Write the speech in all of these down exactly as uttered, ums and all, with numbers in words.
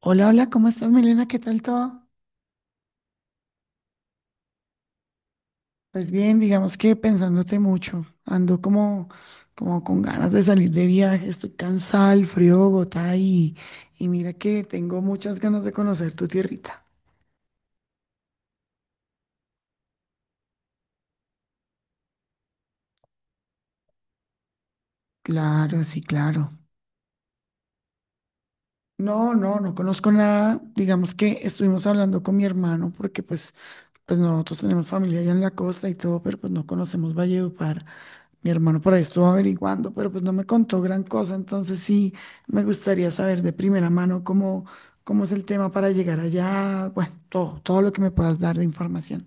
Hola, hola, ¿cómo estás, Milena? ¿Qué tal todo? Pues bien, digamos que pensándote mucho. Ando como, como con ganas de salir de viaje, estoy cansada, el frío de Bogotá y, y mira que tengo muchas ganas de conocer tu tierrita. Claro, sí, claro. No, no, no conozco nada. Digamos que estuvimos hablando con mi hermano porque pues, pues nosotros tenemos familia allá en la costa y todo, pero pues no conocemos Valledupar. Mi hermano por ahí estuvo averiguando, pero pues no me contó gran cosa, entonces sí me gustaría saber de primera mano cómo, cómo es el tema para llegar allá, bueno, todo, todo lo que me puedas dar de información.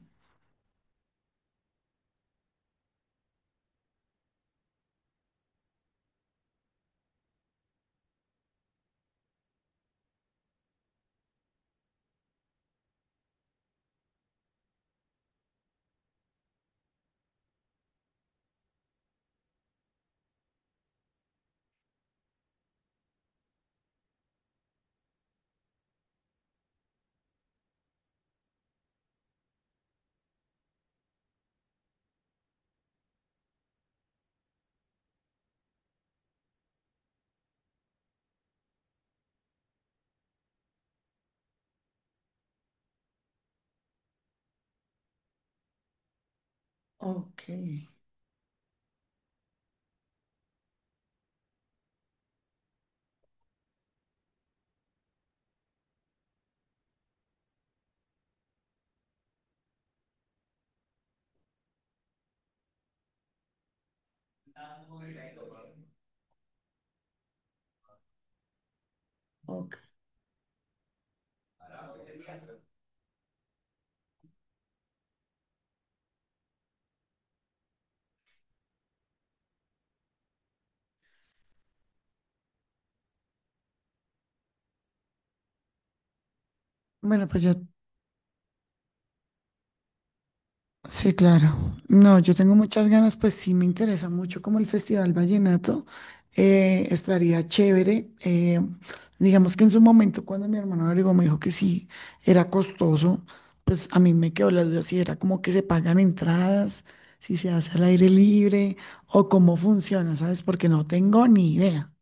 Ok, ok. Bueno, pues yo sí, claro. No, yo tengo muchas ganas, pues sí me interesa mucho como el Festival Vallenato. Eh, estaría chévere. Eh, digamos que en su momento, cuando mi hermano averiguó, me dijo que sí, era costoso, pues a mí me quedó la duda si era como que se pagan entradas, si se hace al aire libre o cómo funciona, ¿sabes? Porque no tengo ni idea.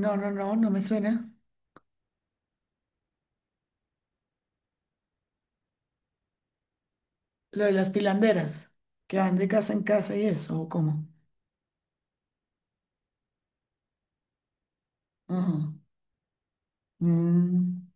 No, no, no, no me suena. Lo de las pilanderas, que van de casa en casa y eso, ¿o cómo? Ajá. Mm.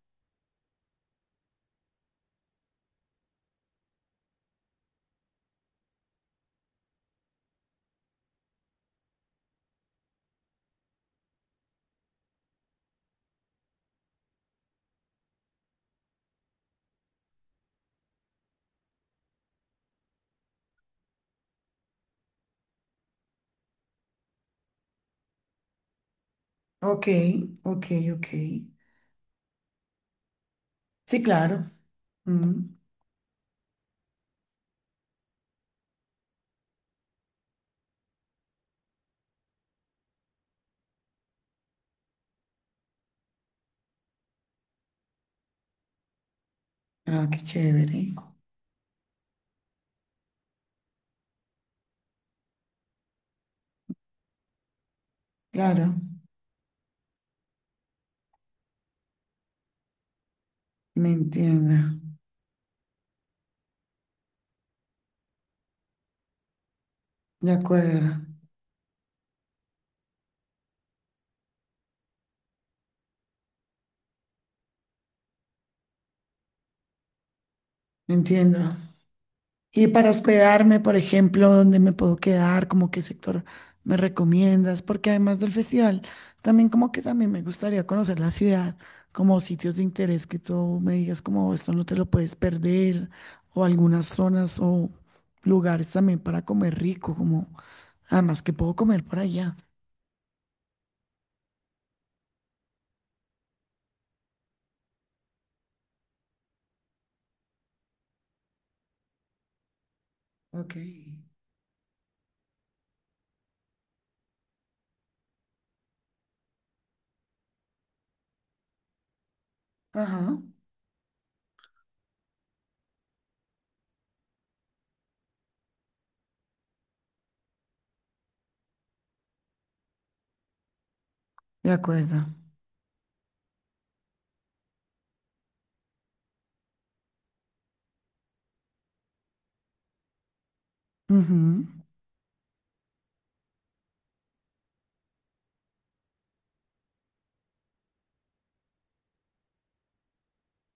Ok, ok, ok. Sí, claro. Mm. Ah, qué chévere. Claro, me entiendo. De acuerdo, me entiendo. Y para hospedarme, por ejemplo, ¿dónde me puedo quedar? ¿Cómo qué sector me recomiendas? Porque además del festival, también como que también me gustaría conocer la ciudad, como sitios de interés que tú me digas como esto no te lo puedes perder, o algunas zonas o lugares también para comer rico, como además que puedo comer por allá. Ok. Ajá. De acuerdo. Ujú.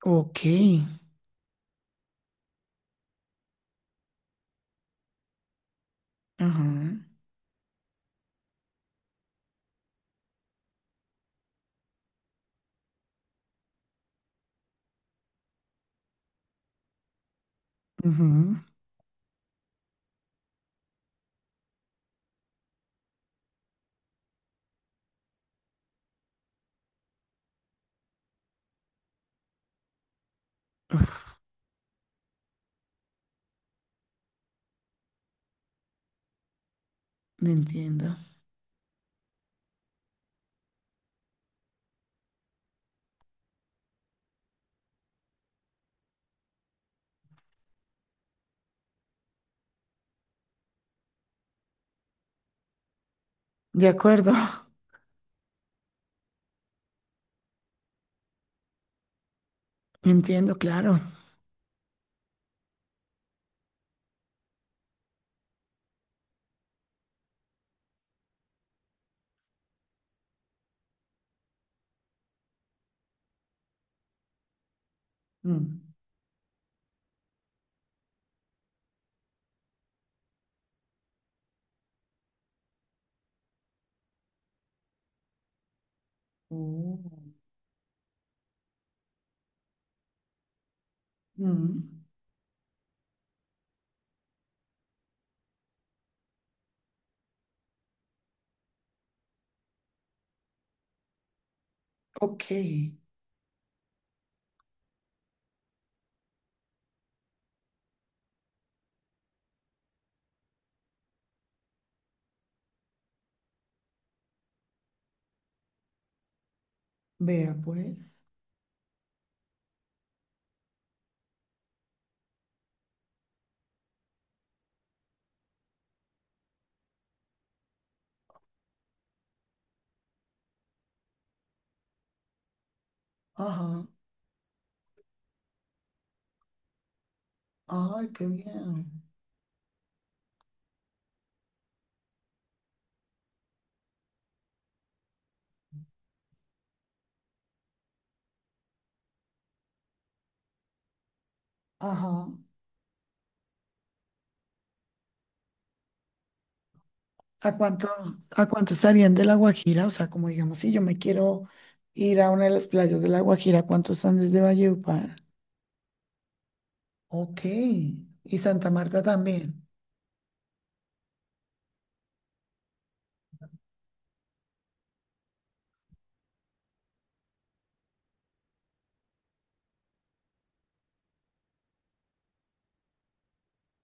Ok. Ajá. Ujú. Entiendo. De acuerdo. Entiendo, claro. Mm. Mm. Mm. Ok. Vea pues. Ajá. Ay, qué bien. Ajá. ¿A cuánto, a cuánto estarían de La Guajira? O sea, como digamos, si yo me quiero ir a una de las playas de La Guajira, ¿cuánto están desde Valledupar? Ok. Y Santa Marta también.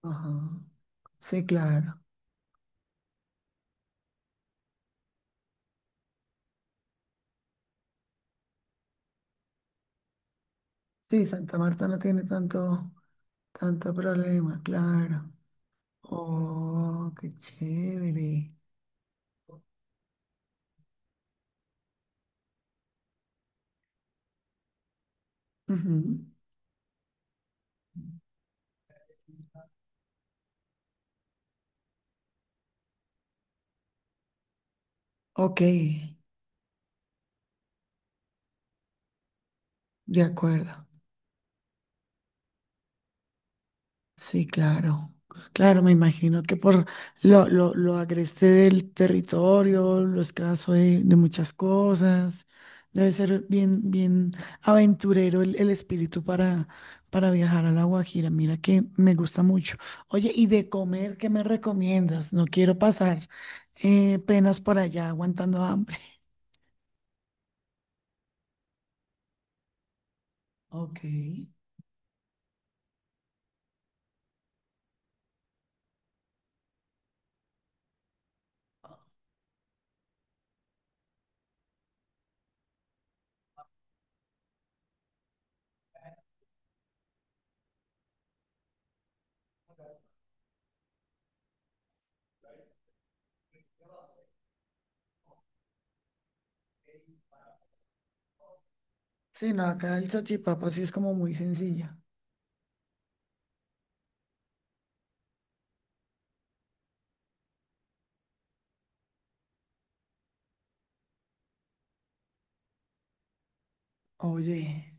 Ajá. Sí, claro. Sí, Santa Marta no tiene tanto, tanto problema, claro. Oh, qué chévere. Ujú. Ok, de acuerdo. Sí, claro. Claro, me imagino que por lo, lo, lo agreste del territorio, lo escaso de, de muchas cosas, debe ser bien, bien aventurero el, el espíritu para, para viajar a La Guajira. Mira que me gusta mucho. Oye, ¿y de comer qué me recomiendas? No quiero pasar eh, penas por allá aguantando hambre. Ok. Sí, no, acá el salchipapa sí es como muy sencilla. Oye.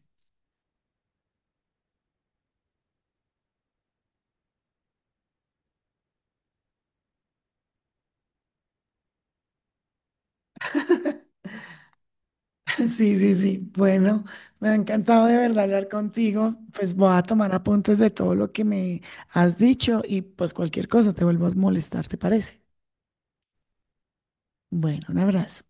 Sí, sí, sí. Bueno, me ha encantado de verdad hablar contigo. Pues voy a tomar apuntes de todo lo que me has dicho y pues cualquier cosa te vuelvo a molestar, ¿te parece? Bueno, un abrazo.